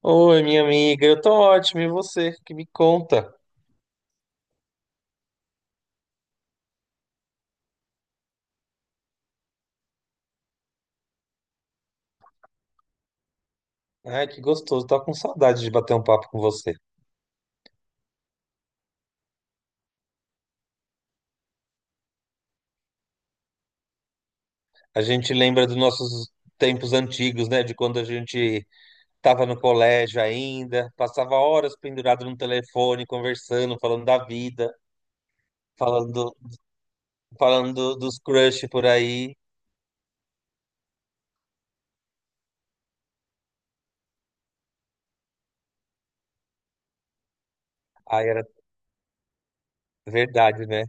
Oi, minha amiga, eu tô ótimo, e você? Que me conta? Ai, que gostoso, tô com saudade de bater um papo com você. A gente lembra dos nossos tempos antigos, né? De quando a gente tava no colégio ainda, passava horas pendurado no telefone, conversando, falando da vida, falando, dos crush por aí. Ai, era verdade, né?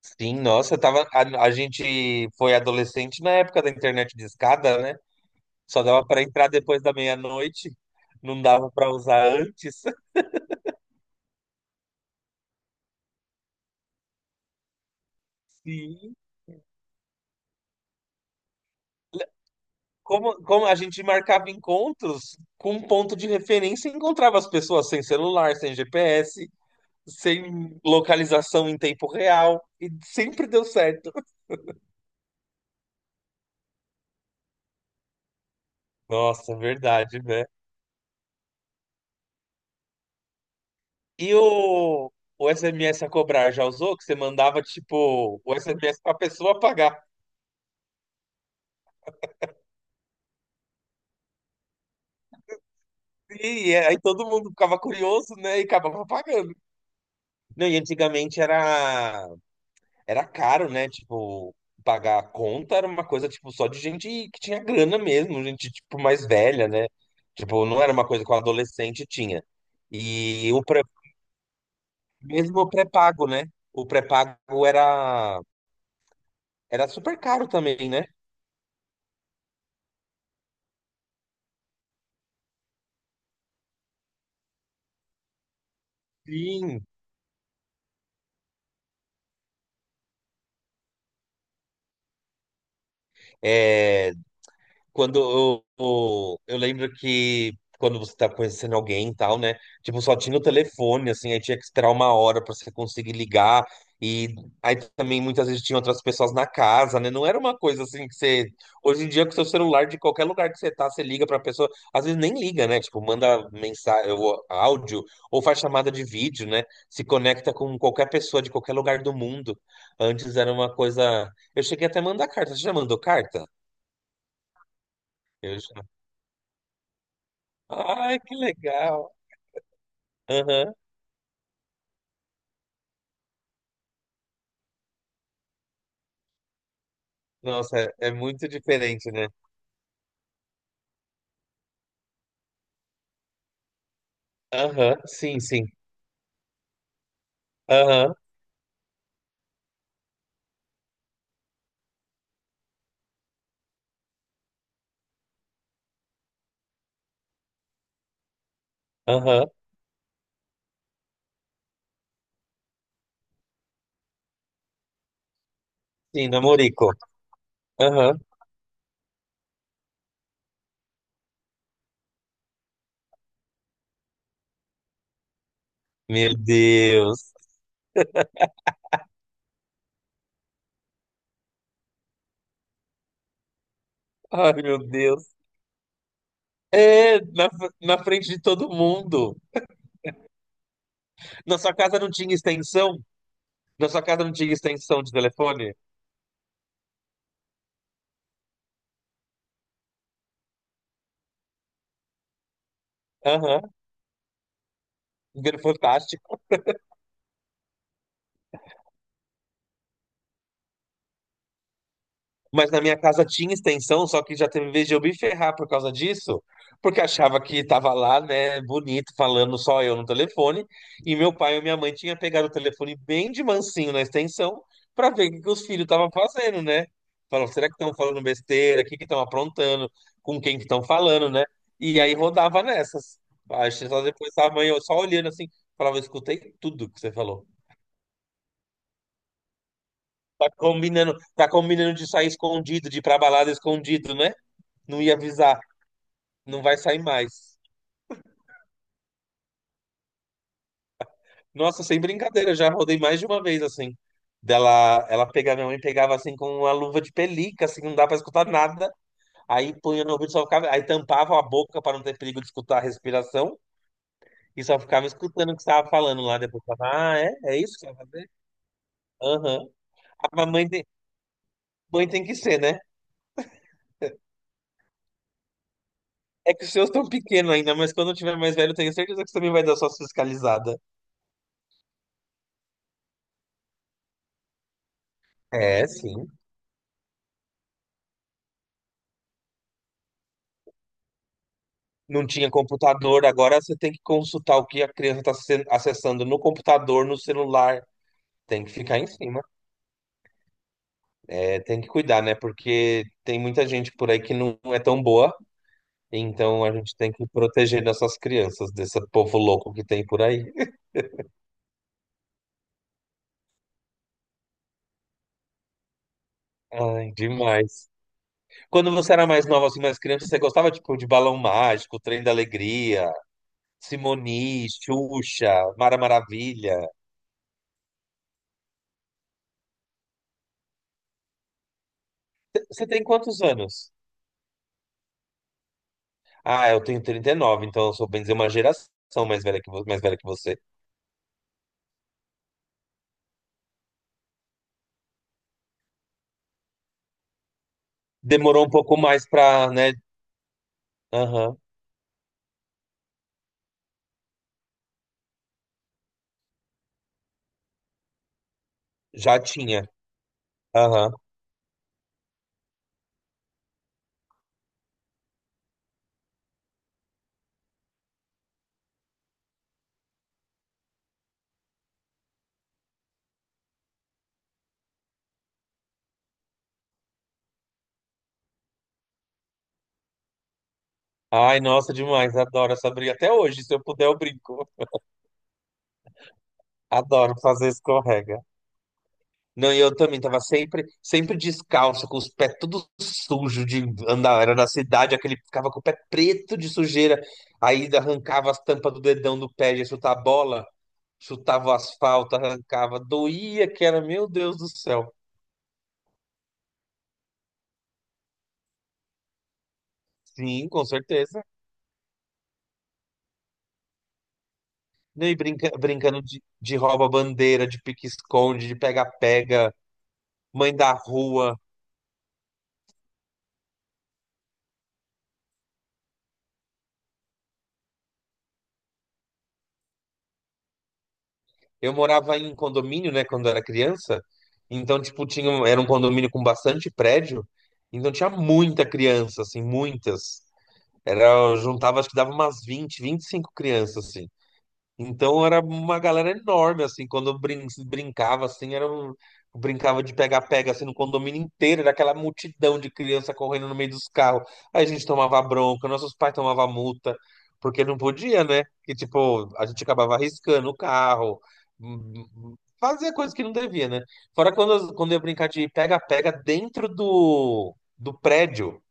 Sim, nossa, tava, a gente foi adolescente na época da internet discada, né? Só dava para entrar depois da meia-noite, não dava para usar antes. Sim. Como a gente marcava encontros com um ponto de referência, e encontrava as pessoas sem celular, sem GPS, sem localização em tempo real, e sempre deu certo. Nossa, verdade, né? E o, o SMS a cobrar já usou? Que você mandava, tipo, o SMS pra pessoa pagar. E aí todo mundo ficava curioso, né? E acabava pagando. Não, e antigamente era Era caro, né? Tipo, pagar a conta era uma coisa, tipo, só de gente que tinha grana mesmo, gente, tipo, mais velha, né? Tipo, não era uma coisa que o adolescente tinha. E o pré- Mesmo o pré-pago, né? O pré-pago era, era super caro também, né? Sim. É, quando eu lembro que quando você tá conhecendo alguém e tal, né? Tipo, só tinha o telefone, assim, aí tinha que esperar uma hora pra você conseguir ligar. E aí também muitas vezes tinha outras pessoas na casa, né? Não era uma coisa assim que você. Hoje em dia, com seu celular, de qualquer lugar que você tá, você liga pra pessoa. Às vezes nem liga, né? Tipo, manda mensagem, ou áudio, ou faz chamada de vídeo, né? Se conecta com qualquer pessoa de qualquer lugar do mundo. Antes era uma coisa. Eu cheguei até a mandar carta. Você já mandou carta? Eu ai, que legal. Aham. Nossa, é, é muito diferente, né? Aham, sim, sim. Aham, aham. Sim, namorico. Aham. Meu Deus. Ai, meu Deus. É, na, na frente de todo mundo. Na sua casa não tinha extensão? Na sua casa não tinha extensão de telefone? Aham. Fantástico. Mas na minha casa tinha extensão, só que já teve vez de eu me ferrar por causa disso, porque achava que tava lá, né, bonito, falando só eu no telefone, e meu pai e minha mãe tinha pegado o telefone bem de mansinho na extensão para ver o que que os filhos estavam fazendo, né? Falam, será que estão falando besteira? O que que estão aprontando? Com quem que estão falando, né? E aí rodava nessas. Acho que só depois a mãe eu só olhando assim, falava, eu escutei tudo que você falou. Tá combinando de sair escondido, de ir pra balada escondido, né? Não ia avisar, não vai sair mais. Nossa, sem brincadeira, já rodei mais de uma vez assim. Dela, ela pegava, minha mãe pegava assim com uma luva de pelica, assim, não dá pra escutar nada. Aí punha no ouvido, só ficava, aí tampava a boca para não ter perigo de escutar a respiração e só ficava escutando o que você tava falando lá depois. Falava, ah, é? É isso que você vai fazer? Aham. Ah, mãe tem que ser, né? É que os seus estão pequenos ainda, mas quando eu tiver mais velho, eu tenho certeza que você também vai dar suas fiscalizadas. É, sim. Não tinha computador, agora você tem que consultar o que a criança está acessando no computador, no celular. Tem que ficar em cima. É, tem que cuidar, né? Porque tem muita gente por aí que não é tão boa, então a gente tem que proteger nossas crianças desse povo louco que tem por aí. Ai, demais. Quando você era mais nova, assim, mais criança, você gostava, tipo, de Balão Mágico, Trem da Alegria, Simoni, Xuxa, Mara Maravilha. Você tem quantos anos? Ah, eu tenho 39, então eu sou bem dizer uma geração mais velha que mais velha que você. Demorou um pouco mais pra, né? Aham, já tinha. Aham. Ai, nossa, demais, adoro essa briga. Até hoje, se eu puder, eu brinco. Adoro fazer escorrega. Não, e eu também tava sempre, sempre descalço, com os pés tudo sujo de andar. Era na cidade, aquele ficava com o pé preto de sujeira. Aí arrancava as tampas do dedão do pé, ia chutar a bola, chutava o asfalto, arrancava. Doía que era, meu Deus do céu. Sim, com certeza. E brinca, brincando de rouba-bandeira, de pique-esconde, de pega-pega, mãe da rua. Eu morava em condomínio, né, quando era criança. Então, tipo, era um condomínio com bastante prédio. Então tinha muita criança, assim, muitas. Era, eu juntava, acho que dava umas 20, 25 crianças, assim. Então era uma galera enorme, assim, quando eu brincava, assim, eu brincava de pega-pega, assim, no condomínio inteiro, era aquela multidão de criança correndo no meio dos carros. Aí a gente tomava bronca, nossos pais tomavam multa, porque não podia, né? Que, tipo, a gente acabava arriscando o carro, fazia coisas que não devia, né? Fora quando eu ia brincar de pega-pega dentro do prédio.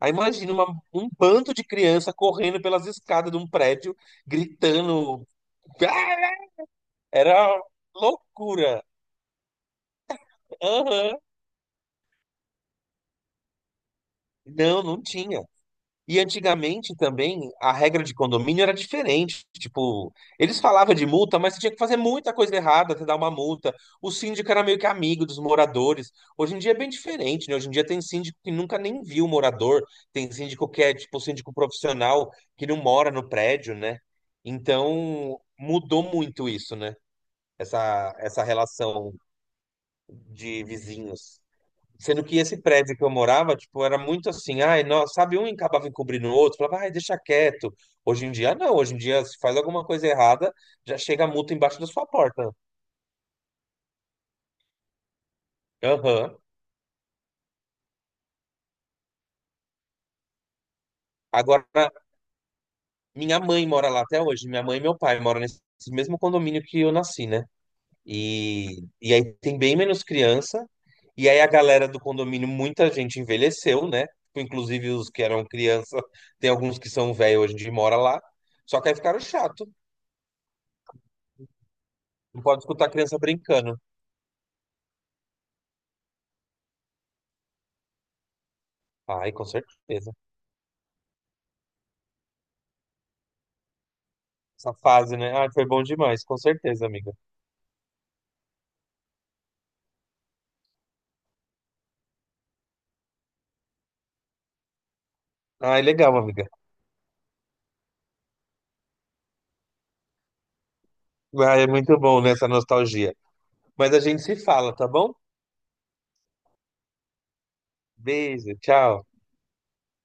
Aí um bando de criança correndo pelas escadas de um prédio, gritando. "Ah!" Era loucura. Aham. Não, não tinha. E antigamente também a regra de condomínio era diferente. Tipo, eles falavam de multa, mas você tinha que fazer muita coisa errada até dar uma multa. O síndico era meio que amigo dos moradores. Hoje em dia é bem diferente, né? Hoje em dia tem síndico que nunca nem viu o morador, tem síndico que é tipo síndico profissional que não mora no prédio, né? Então mudou muito isso, né? Essa relação de vizinhos. Sendo que esse prédio que eu morava, tipo, era muito assim, ai, nossa, sabe, um acabava encobrindo o outro, falava, ai, deixa quieto. Hoje em dia, não, hoje em dia, se faz alguma coisa errada, já chega a multa embaixo da sua porta. Aham. Agora, minha mãe mora lá até hoje, minha mãe e meu pai moram nesse mesmo condomínio que eu nasci, né? E aí tem bem menos criança, e aí a galera do condomínio, muita gente envelheceu, né? Tipo, inclusive os que eram criança, tem alguns que são velhos hoje em dia e moram lá, só que aí ficaram chato. Não pode escutar a criança brincando. Ai, com certeza. Essa fase, né? Ai, foi bom demais, com certeza, amiga. Ai, legal, amiga. Ai, é muito bom, né, essa nostalgia. Mas a gente se fala, tá bom? Beijo, tchau.